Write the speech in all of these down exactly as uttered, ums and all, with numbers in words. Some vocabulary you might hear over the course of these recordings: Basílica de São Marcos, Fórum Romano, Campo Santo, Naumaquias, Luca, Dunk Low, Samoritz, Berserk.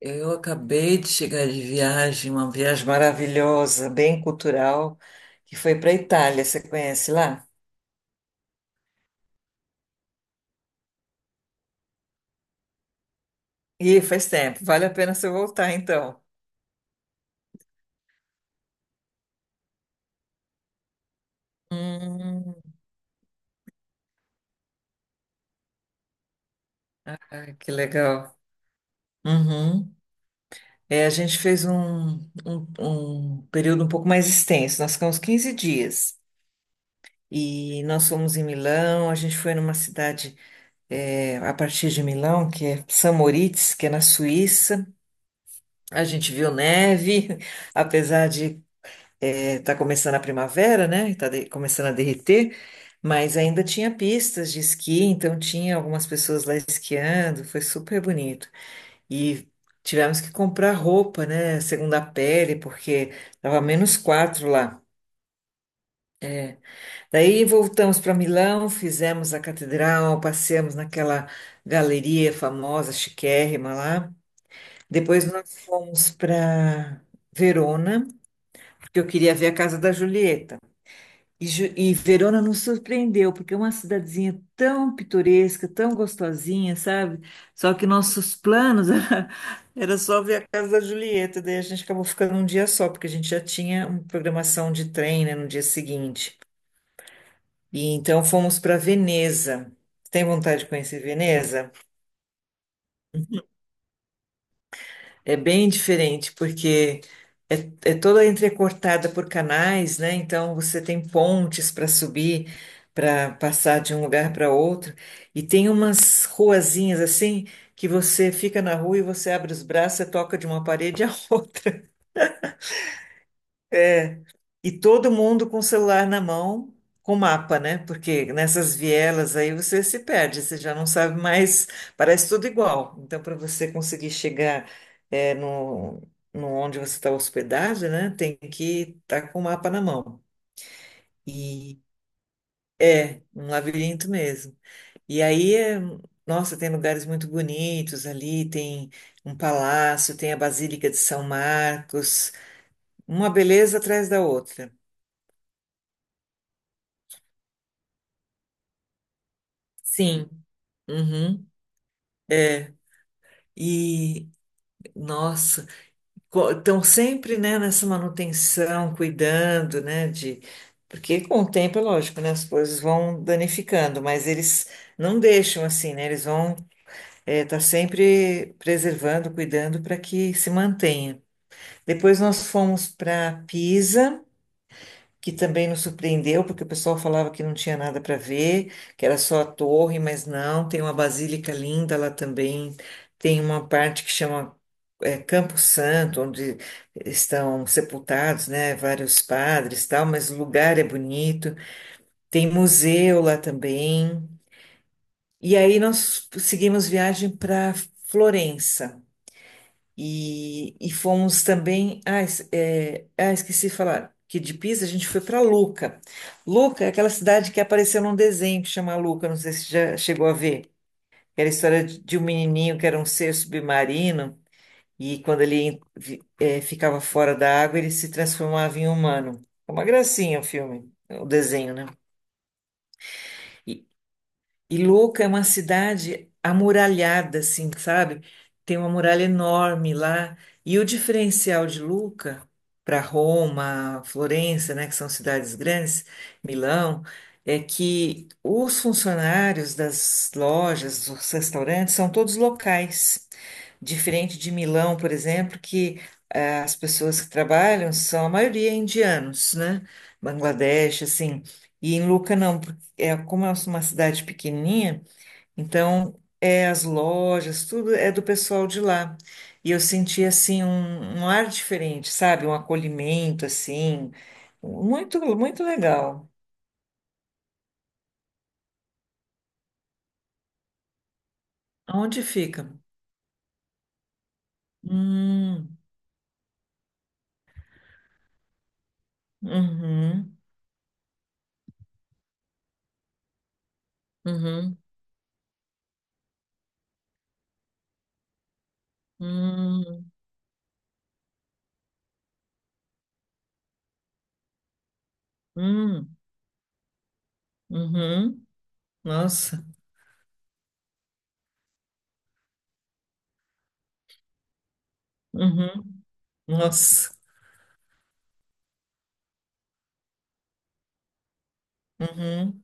Eu acabei de chegar de viagem, uma viagem maravilhosa, bem cultural, que foi para a Itália. Você conhece lá? Ih, faz tempo. Vale a pena você voltar, então. Hum, ai, que legal. Uhum. É, a gente fez um, um, um período um pouco mais extenso. Nós ficamos quinze dias. E nós fomos em Milão, a gente foi numa cidade é, a partir de Milão, que é Samoritz, que é na Suíça. A gente viu neve, apesar de está começando a primavera, né? Está começando a derreter, mas ainda tinha pistas de esqui, então tinha algumas pessoas lá esquiando, foi super bonito. E tivemos que comprar roupa, né? Segunda pele, porque estava menos quatro lá. Daí voltamos para Milão, fizemos a catedral, passeamos naquela galeria famosa, chiquérrima lá. Depois nós fomos para Verona, porque eu queria ver a casa da Julieta. E, Ju- e Verona nos surpreendeu, porque é uma cidadezinha tão pitoresca, tão gostosinha, sabe? Só que nossos planos era, era só ver a casa da Julieta, daí a gente acabou ficando um dia só, porque a gente já tinha uma programação de trem, né, no dia seguinte. E então fomos para Veneza. Tem vontade de conhecer Veneza? É bem diferente, porque é, é toda entrecortada por canais, né? Então você tem pontes para subir, para passar de um lugar para outro. E tem umas ruazinhas assim que você fica na rua e você abre os braços, você toca de uma parede à outra. E todo mundo com o celular na mão, com mapa, né? Porque nessas vielas aí você se perde, você já não sabe mais, parece tudo igual. Então, para você conseguir chegar eh, no, no onde você está hospedado, né? Tem que estar com o mapa na mão. E é um labirinto mesmo. E aí, é, nossa, tem lugares muito bonitos ali, tem um palácio, tem a Basílica de São Marcos, uma beleza atrás da outra. Sim. Uhum. E, nossa, estão sempre, né, nessa manutenção, cuidando, né, de. Porque com o tempo, é lógico, né, as coisas vão danificando, mas eles não deixam assim, né, eles vão estar sempre preservando, cuidando para que se mantenha. Depois nós fomos para Pisa, que também nos surpreendeu, porque o pessoal falava que não tinha nada para ver, que era só a torre, mas não, tem uma basílica linda lá também, tem uma parte que chama é, Campo Santo, onde estão sepultados, né, vários padres e tal, mas o lugar é bonito, tem museu lá também. E aí nós seguimos viagem para Florença. E, e fomos também. Ah, es- é, ah, esqueci de falar que de Pisa a gente foi para Luca. Luca é aquela cidade que apareceu num desenho que chama Luca, não sei se já chegou a ver. Era a história de, de um menininho que era um ser submarino e quando ele vi- é, ficava fora da água ele se transformava em humano. É uma gracinha o filme, o desenho, né? E Luca é uma cidade amuralhada, assim, sabe? Tem uma muralha enorme lá. E o diferencial de Luca para Roma, Florença, né, que são cidades grandes, Milão, é que os funcionários das lojas, dos restaurantes, são todos locais. Diferente de Milão, por exemplo, que eh, as pessoas que trabalham são a maioria indianos, né? Bangladesh, assim. E em Luca não, é como é uma cidade pequenininha, então é as lojas, tudo é do pessoal de lá. E eu senti assim um, um ar diferente, sabe? Um acolhimento assim, muito muito legal. Aonde fica? Hum, uhum, uhum, hum, hum, uhum, nossa, uhum, nossa, uhum,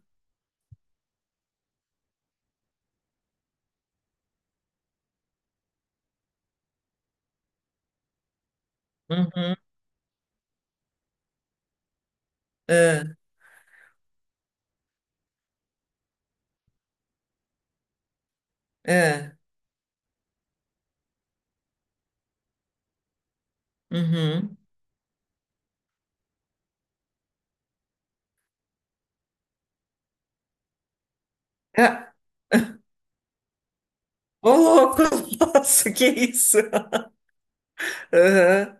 uhum, é, é, uhum. Ah, ô louco, nossa, que isso? Aham.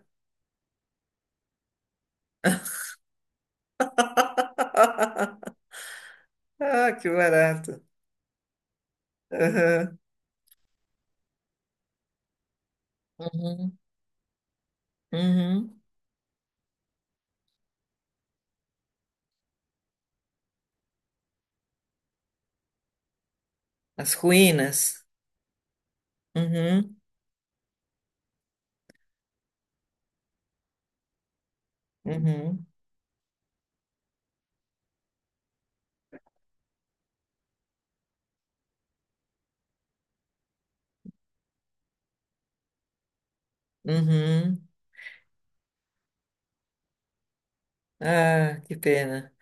Ah, que barato. Aham. Uhum. Uhum. As ruínas. Uhum. Uhum. Uhum. Ah, que pena.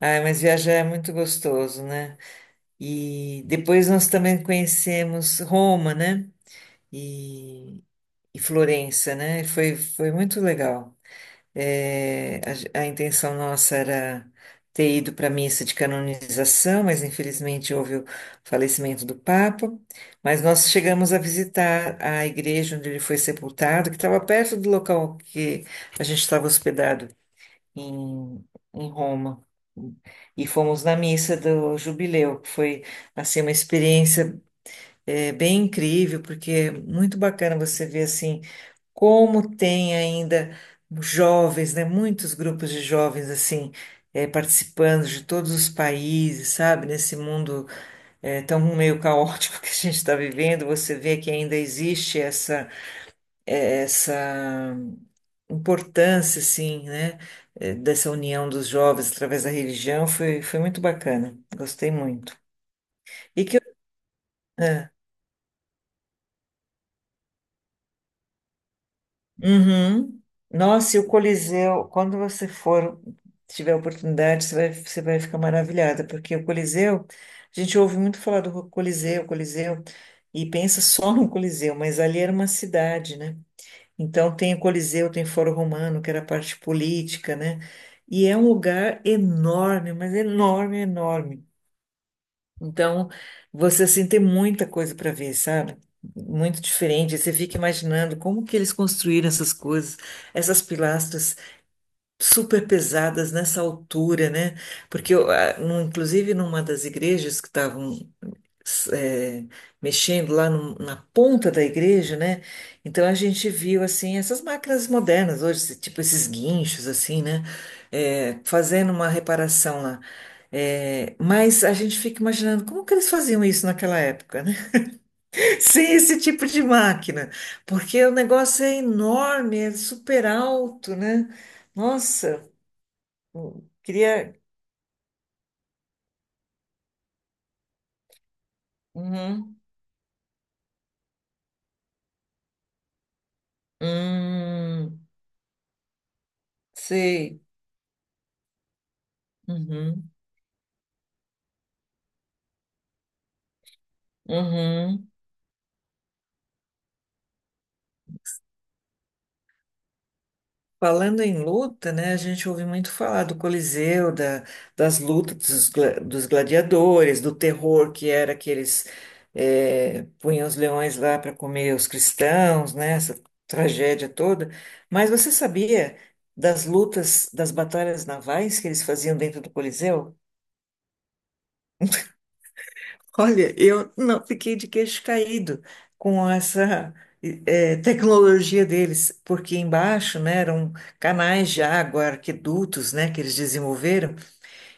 Ah, mas viajar é muito gostoso, né? E depois nós também conhecemos Roma, né? E, e Florença, né? Foi, foi muito legal. É, a, ge- a intenção nossa era ter ido para a missa de canonização, mas infelizmente houve o falecimento do Papa. Mas nós chegamos a visitar a igreja onde ele foi sepultado, que estava perto do local que a gente estava hospedado em, em Roma. E fomos na missa do Jubileu, que foi assim uma experiência eh, bem incrível, porque é muito bacana você ver assim como tem ainda jovens, né? Muitos grupos de jovens assim eh, participando de todos os países, sabe? Nesse mundo eh, tão meio caótico que a gente está vivendo, você vê que ainda existe essa eh, essa importância, assim, né? eh, Dessa união dos jovens através da religião foi, foi muito bacana, gostei muito. E que, uhum. Nossa, e o Coliseu, quando você for, tiver a oportunidade, você vai, você vai ficar maravilhada, porque o Coliseu, a gente ouve muito falar do Coliseu, Coliseu, e pensa só no Coliseu, mas ali era uma cidade, né? Então tem o Coliseu, tem o Fórum Romano, que era a parte política, né? E é um lugar enorme, mas enorme, enorme. Então, você assim tem muita coisa para ver, sabe? Muito diferente. Você fica imaginando como que eles construíram essas coisas, essas pilastras super pesadas nessa altura, né? Porque eu, ah, no- inclusive numa das igrejas que estavam s- eh, mexendo lá no- na ponta da igreja, né? Então a gente viu assim essas máquinas modernas hoje, esse- tipo esses guinchos assim, né? Eh, fazendo uma reparação lá. Eh, mas a gente fica imaginando como que eles faziam isso naquela época, né? Sem esse tipo de máquina, porque o negócio é enorme, é super alto, né? Nossa, eu queria. Uhum. Hum, sei. Uhum. Uhum. Falando em luta, né, a gente ouve muito falar do Coliseu, da, das lutas dos, gla- dos gladiadores, do terror que era que eles eh, punham os leões lá para comer os cristãos, né, essa tragédia toda. Mas você sabia das lutas, das batalhas navais que eles faziam dentro do Coliseu? Olha, eu não fiquei de queixo caído com essa eh, tecnologia deles, porque embaixo, né, eram canais de água, arquedutos, né, que eles desenvolveram.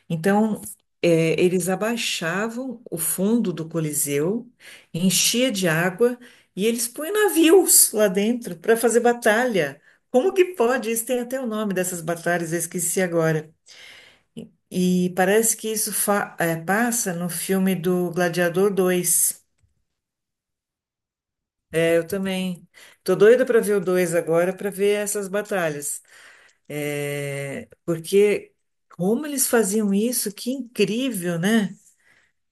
Então, eh, eles abaixavam o fundo do Coliseu, enchia de água e eles põem navios lá dentro para fazer batalha. Como que pode? Isso tem até o nome dessas batalhas, eu esqueci agora. E parece que isso fa- é, passa no filme do Gladiador dois. É, eu também. Tô doida para ver o dois agora, para ver essas batalhas. É, porque como eles faziam isso, que incrível, né?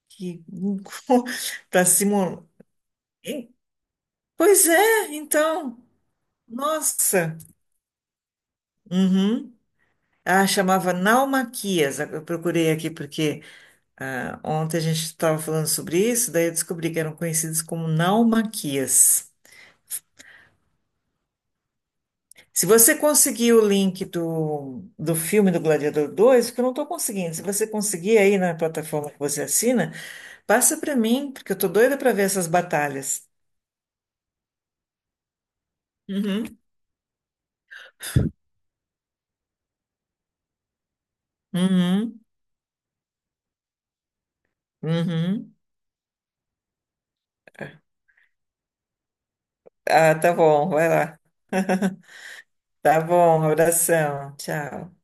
Que tá simulando. Pois é, então, nossa. Uhum. Ah, chamava Naumaquias. Eu procurei aqui porque ah, ontem a gente estava falando sobre isso, daí eu descobri que eram conhecidos como naumaquias. Se você conseguir o link do, do filme do Gladiador dois, que eu não estou conseguindo, se você conseguir aí na plataforma que você assina, passa para mim, porque eu estou doida para ver essas batalhas. Uhum. Uhum, uhum. Ah, tá bom, vai lá. Tá bom, abração, tchau.